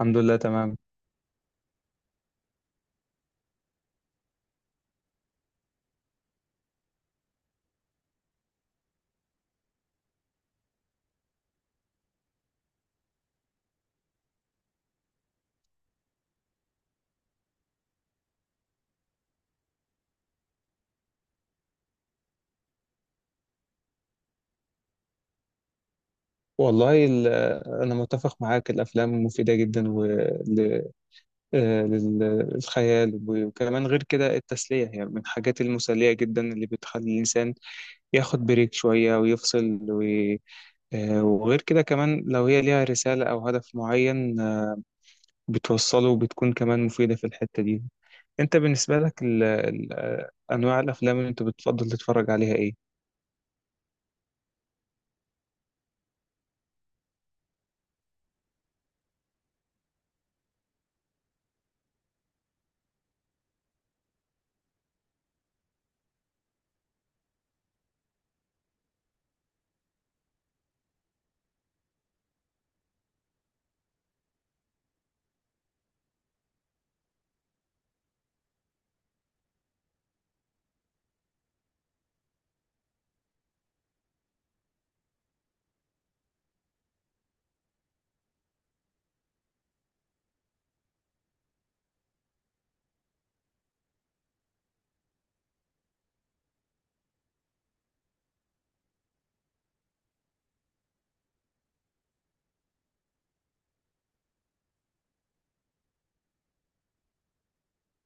الحمد لله تمام. والله، أنا متفق معاك، الأفلام مفيدة جدا للخيال، وكمان غير كده التسلية هي من الحاجات المسلية جدا اللي بتخلي الإنسان ياخد بريك شوية ويفصل وغير كده كمان لو هي ليها رسالة أو هدف معين، بتوصله وبتكون كمان مفيدة في الحتة دي. أنت بالنسبة لك أنواع الأفلام اللي أنت بتفضل تتفرج عليها إيه؟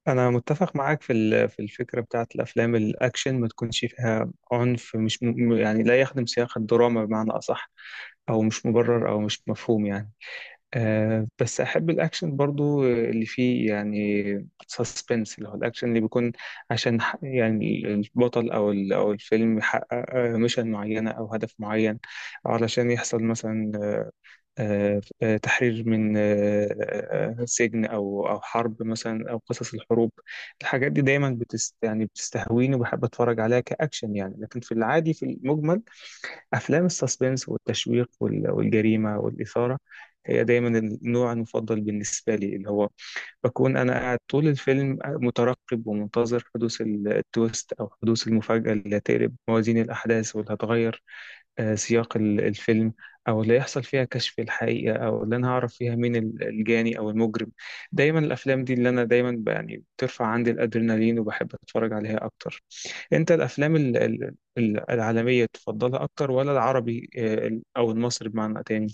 انا متفق معاك في الفكره بتاعت الافلام، الاكشن ما تكونش فيها عنف مش يعني لا يخدم سياق الدراما بمعنى اصح، او مش مبرر او مش مفهوم يعني. بس احب الاكشن برضو اللي فيه يعني سسبنس، اللي هو الاكشن اللي بيكون عشان يعني البطل او الفيلم يحقق ميشن معينه او هدف معين، او علشان يحصل مثلا تحرير من سجن او حرب مثلا، او قصص الحروب. الحاجات دي دايما يعني بتستهويني وبحب اتفرج عليها كاكشن يعني، لكن في العادي في المجمل افلام السسبنس والتشويق والجريمه والاثاره هي دايما النوع المفضل بالنسبه لي، اللي هو بكون انا قاعد طول الفيلم مترقب ومنتظر حدوث التويست او حدوث المفاجاه اللي هتقلب موازين الاحداث واللي هتغير سياق الفيلم، او اللي يحصل فيها كشف الحقيقه او اللي انا هعرف فيها مين الجاني او المجرم. دايما الافلام دي اللي انا دايما يعني بترفع عندي الادرينالين وبحب اتفرج عليها اكتر. انت الافلام العالميه تفضلها اكتر، ولا العربي او المصري بمعنى تاني؟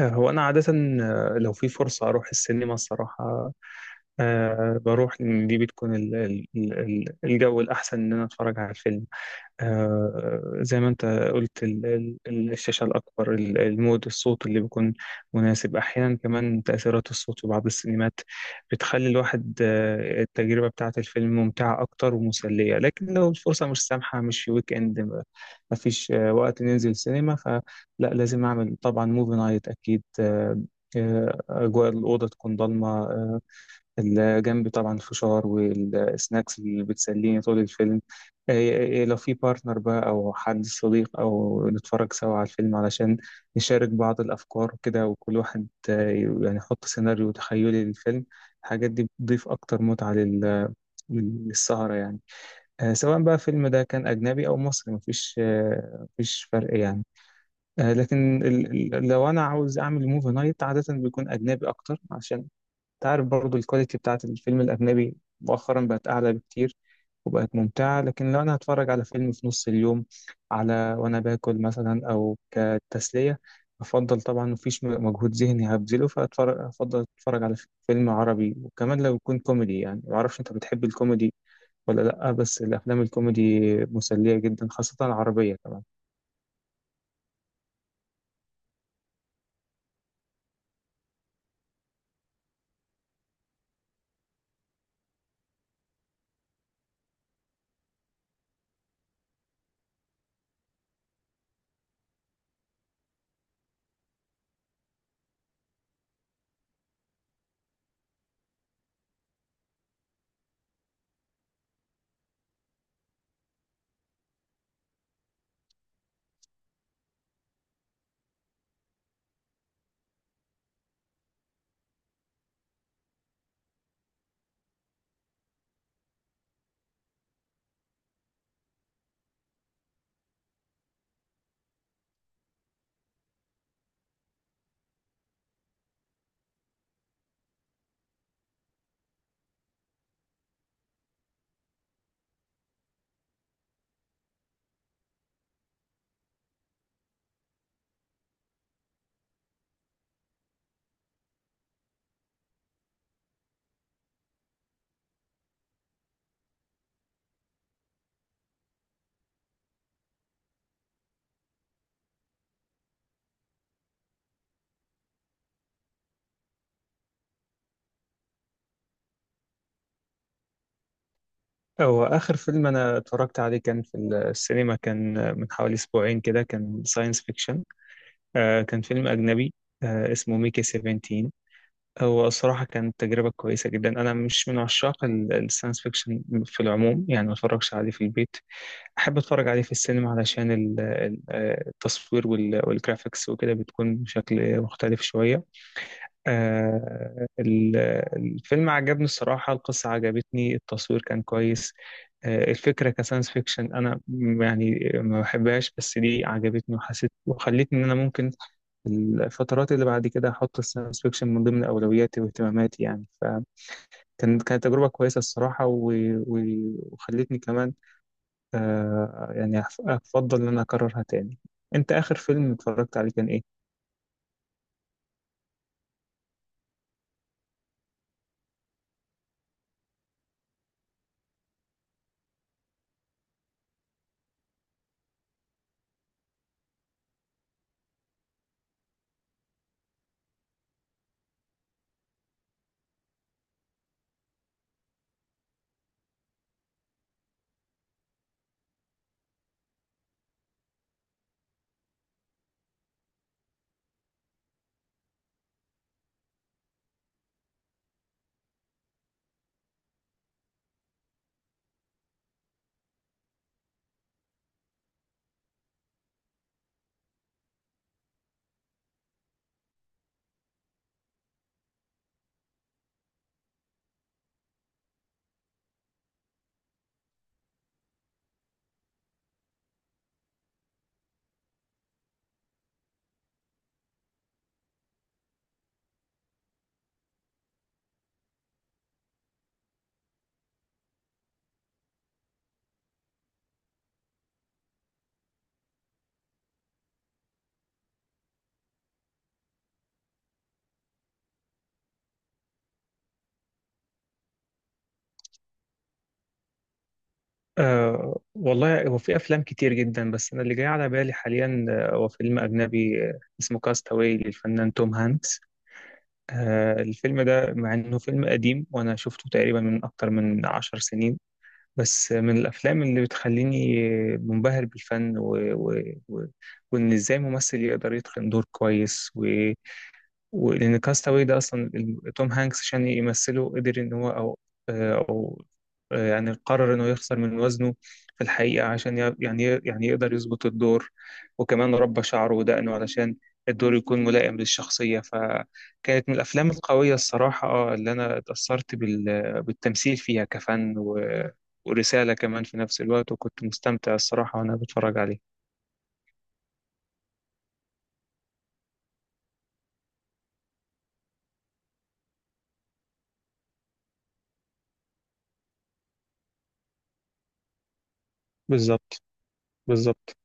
هو انا عاده، لو في فرصه اروح السينما الصراحه بروح، لأن دي بتكون الجو الاحسن ان انا اتفرج على الفيلم. زي ما انت قلت، الشاشة الأكبر، المود، الصوت اللي بيكون مناسب، أحيانا كمان تأثيرات الصوت في بعض السينمات بتخلي الواحد التجربة بتاعة الفيلم ممتعة أكتر ومسلية. لكن لو الفرصة مش سامحة، مش في ويك إند، مفيش وقت ننزل سينما، فلا، لازم أعمل طبعا موفي نايت أكيد. أجواء الأوضة تكون ضلمة، اللي جنبي طبعا الفشار والسناكس اللي بتسليني طول الفيلم. إيه لو في بارتنر بقى أو حد صديق أو نتفرج سوا على الفيلم علشان نشارك بعض الأفكار وكده، وكل واحد يعني يحط سيناريو تخيلي للفيلم. الحاجات دي بتضيف أكتر متعة للسهرة يعني. سواء بقى الفيلم ده كان أجنبي أو مصري، مفيش فرق يعني. لكن لو أنا عاوز أعمل موفي نايت عادة بيكون أجنبي أكتر، عشان تعرف برضو الكواليتي بتاعت الفيلم الأجنبي مؤخرا بقت أعلى بكتير وبقت ممتعة. لكن لو أنا هتفرج على فيلم في نص اليوم، على وأنا باكل مثلا أو كتسلية، أفضل طبعا مفيش مجهود ذهني هبذله، أفضل أتفرج على فيلم عربي، وكمان لو يكون كوميدي. يعني معرفش أنت بتحب الكوميدي ولا لأ، بس الأفلام الكوميدي مسلية جدا، خاصة العربية كمان. هو آخر فيلم أنا اتفرجت عليه كان في السينما، كان من حوالي أسبوعين كده، كان ساينس فيكشن، كان فيلم أجنبي، اسمه ميكي 17. هو الصراحة كانت تجربة كويسة جدا. أنا مش من عشاق الساينس فيكشن في العموم، يعني ما اتفرجش عليه في البيت، أحب أتفرج عليه في السينما علشان التصوير والجرافيكس وكده بتكون بشكل مختلف شوية. آه، ال- الفيلم عجبني الصراحة، القصة عجبتني، التصوير كان كويس. الفكرة كساينس فيكشن أنا يعني ما بحبهاش، بس دي عجبتني وحسيت وخلتني إن أنا ممكن الفترات اللي بعد كده هحط الساينس فيكشن من ضمن أولوياتي واهتماماتي يعني. كانت تجربة كويسة الصراحة و... وخلتني كمان يعني أفضل إن أنا أكررها تاني. أنت آخر فيلم اتفرجت عليه كان إيه؟ والله هو في أفلام كتير جدا، بس أنا اللي جاي على بالي حاليا هو فيلم أجنبي اسمه كاستاوي للفنان توم هانكس. الفيلم ده مع إنه فيلم قديم وأنا شفته تقريبا من أكتر من 10 سنين، بس من الأفلام اللي بتخليني منبهر بالفن و... و... وإن إزاي ممثل يقدر يتقن دور كويس. و... ولأن كاستاوي ده أصلا توم هانكس عشان يمثله قدر إن هو أو آه، أو آه، يعني قرر إنه يخسر من وزنه في الحقيقة، عشان يعني يقدر يظبط الدور، وكمان ربى شعره ودقنه علشان الدور يكون ملائم للشخصية. فكانت من الأفلام القوية الصراحة، اللي أنا اتأثرت بالتمثيل فيها كفن ورسالة كمان في نفس الوقت، وكنت مستمتع الصراحة وأنا بتفرج عليه. بالظبط بالظبط.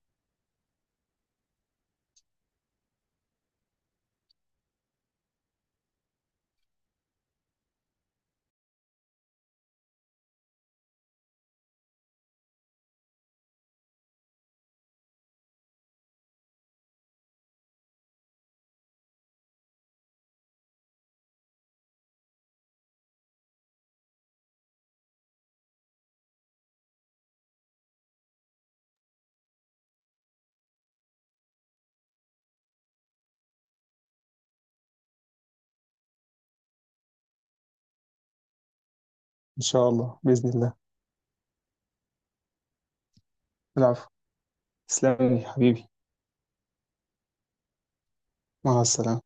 إن شاء الله بإذن الله. العفو. تسلم لي حبيبي. مع السلامة.